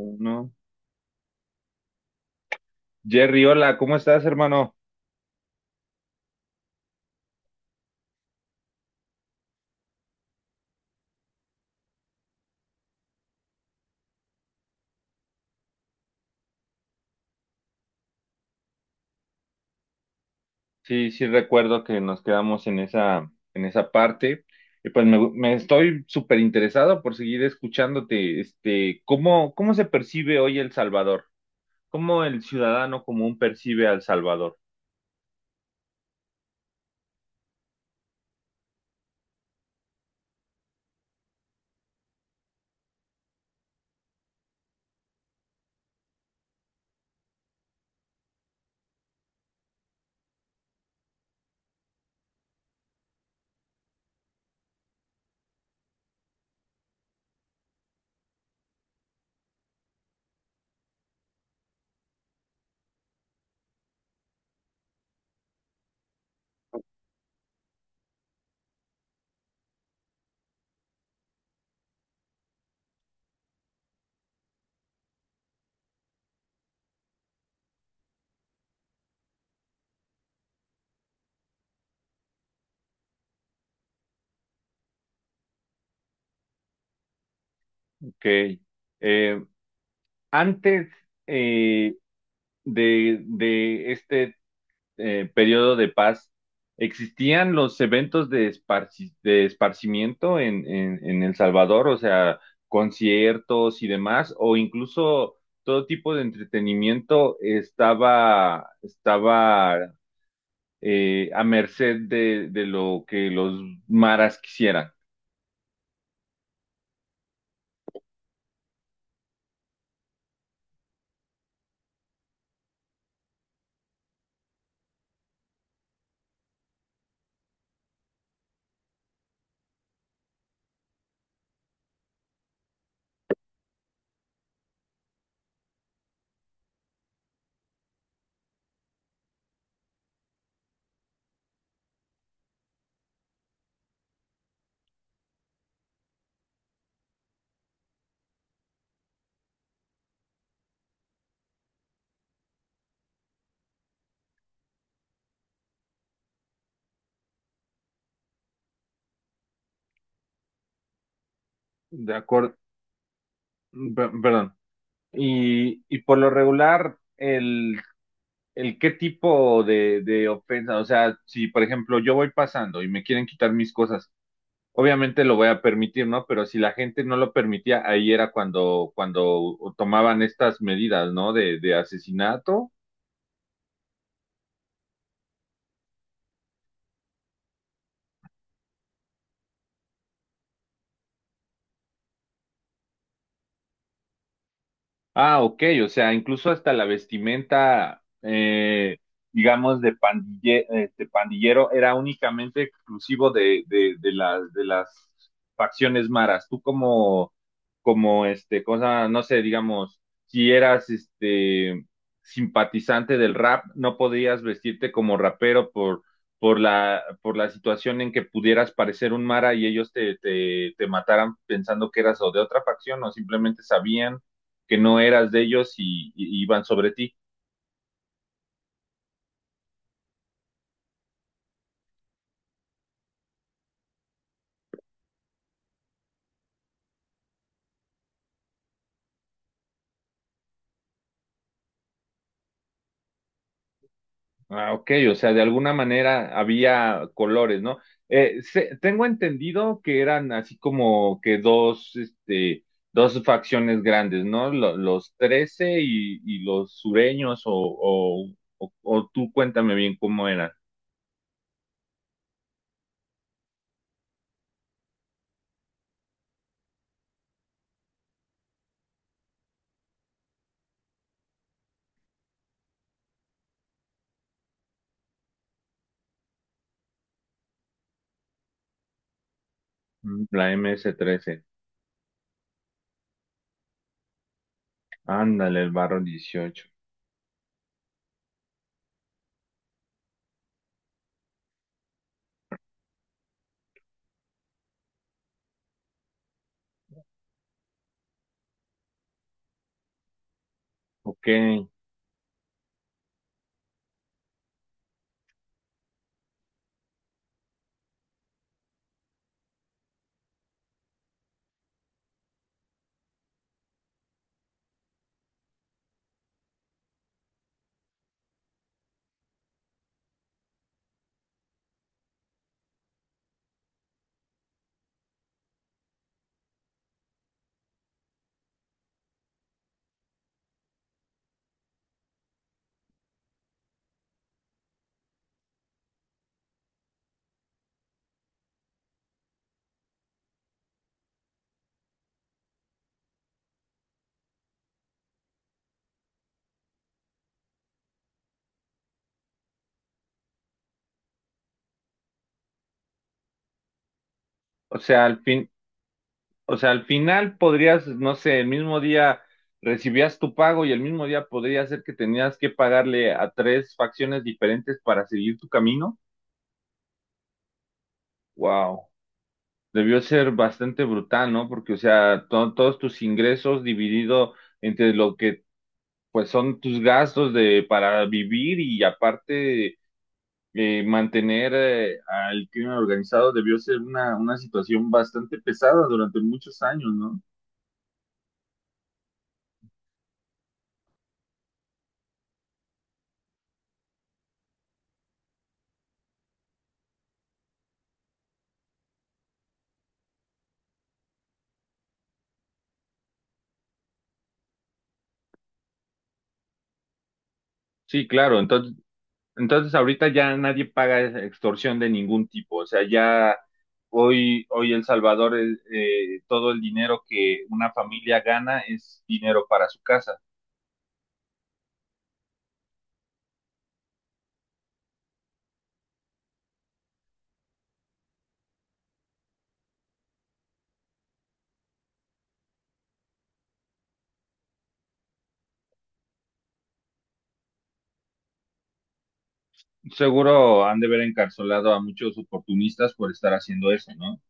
Uno. Jerry, hola, ¿cómo estás, hermano? Sí, sí recuerdo que nos quedamos en esa parte. Y pues me estoy súper interesado por seguir escuchándote. Este, ¿cómo se percibe hoy El Salvador? ¿Cómo el ciudadano común percibe al Salvador? Ok. Eh, Antes eh, de este periodo de paz, ¿existían los eventos de esparcimiento en El Salvador? O sea, conciertos y demás, o incluso todo tipo de entretenimiento estaba a merced de lo que los maras quisieran. De acuerdo, perdón. Y por lo regular, el qué tipo de ofensa, o sea, si por ejemplo yo voy pasando y me quieren quitar mis cosas, obviamente lo voy a permitir, ¿no? Pero si la gente no lo permitía, ahí era cuando tomaban estas medidas, ¿no? De asesinato. Ah, ok, o sea, incluso hasta la vestimenta, digamos, de pandillero era únicamente exclusivo de las facciones maras. Tú como, este, cosa, no sé, digamos, si eras, simpatizante del rap, no podías vestirte como rapero por la situación en que pudieras parecer un mara y ellos te mataran pensando que eras o de otra facción o simplemente sabían que no eras de ellos y iban sobre ti. Ah, ok, o sea, de alguna manera había colores, ¿no? Tengo entendido que eran así como que dos facciones grandes, ¿no? Los 13 y los sureños, o tú cuéntame bien cómo eran. Mm, la MS trece. Ándale, el barro 18. Ok. O sea, al fin, O sea, al final podrías, no sé, el mismo día recibías tu pago y el mismo día podría ser que tenías que pagarle a tres facciones diferentes para seguir tu camino. Wow, debió ser bastante brutal, ¿no? Porque, o sea, todos tus ingresos dividido entre lo que pues son tus gastos de para vivir y aparte mantener al crimen organizado debió ser una situación bastante pesada durante muchos años, ¿no? Sí, claro. Entonces ahorita ya nadie paga extorsión de ningún tipo, o sea, ya hoy El Salvador, todo el dinero que una familia gana es dinero para su casa. Seguro han de haber encarcelado a muchos oportunistas por estar haciendo eso, ¿no?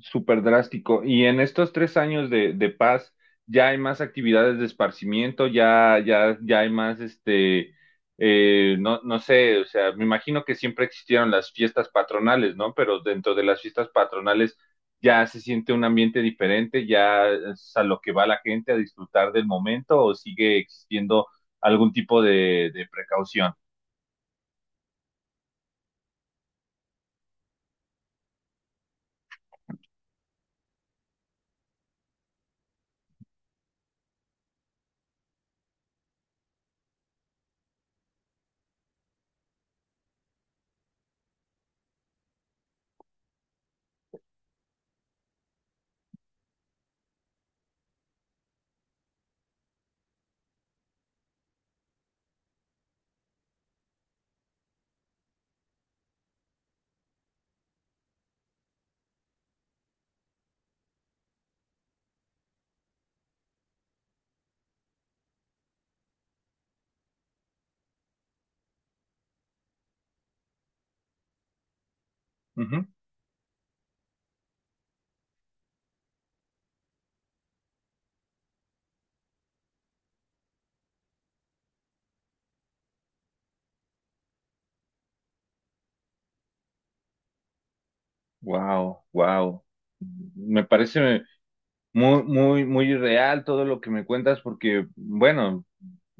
Súper drástico. Y en estos 3 años de paz, ya hay más actividades de esparcimiento, ya, ya, ya hay más, este, no, no sé, o sea, me imagino que siempre existieron las fiestas patronales, ¿no? Pero dentro de las fiestas patronales ya se siente un ambiente diferente, ya es a lo que va la gente a disfrutar del momento o sigue existiendo algún tipo de precaución. Wow, wow. Me parece muy, muy, muy real todo lo que me cuentas, porque, bueno,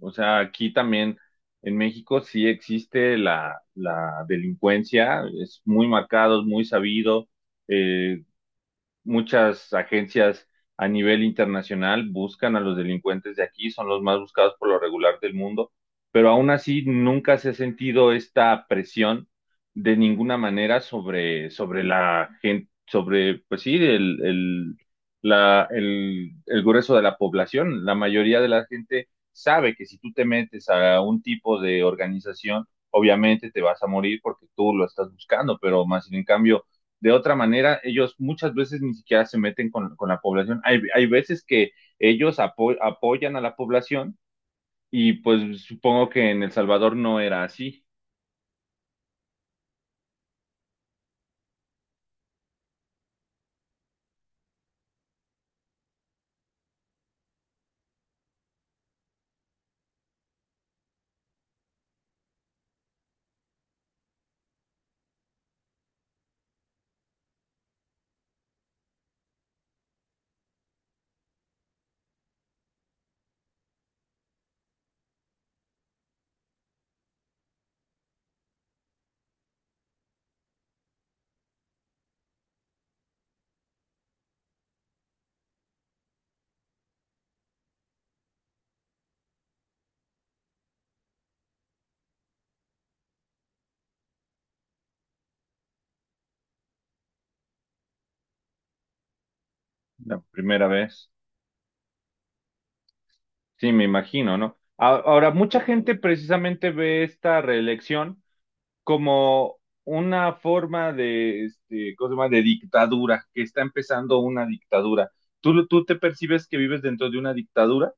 o sea, aquí también en México sí existe la delincuencia, es muy marcado, es muy sabido. Eh, Muchas agencias a nivel internacional buscan a los delincuentes de aquí, son los más buscados por lo regular del mundo, pero aún así nunca se ha sentido esta presión de ninguna manera sobre la gente, sobre, pues sí, el grueso de la población. La mayoría de la gente sabe que si tú te metes a un tipo de organización, obviamente te vas a morir porque tú lo estás buscando, pero más sin en cambio de otra manera, ellos muchas veces ni siquiera se meten con la población. Hay veces que ellos apoyan a la población y pues supongo que en El Salvador no era así la primera vez. Sí, me imagino, ¿no? Ahora, mucha gente precisamente ve esta reelección como una forma de, este, ¿cómo se llama? De dictadura, que está empezando una dictadura. ¿Tú te percibes que vives dentro de una dictadura?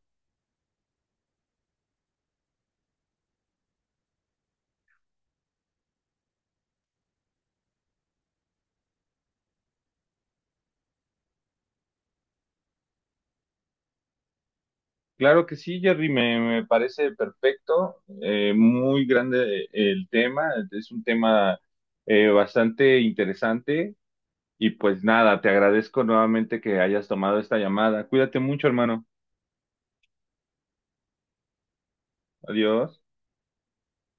Claro que sí, Jerry, me parece perfecto, muy grande el tema, es un tema bastante interesante y pues nada, te agradezco nuevamente que hayas tomado esta llamada. Cuídate mucho, hermano. Adiós.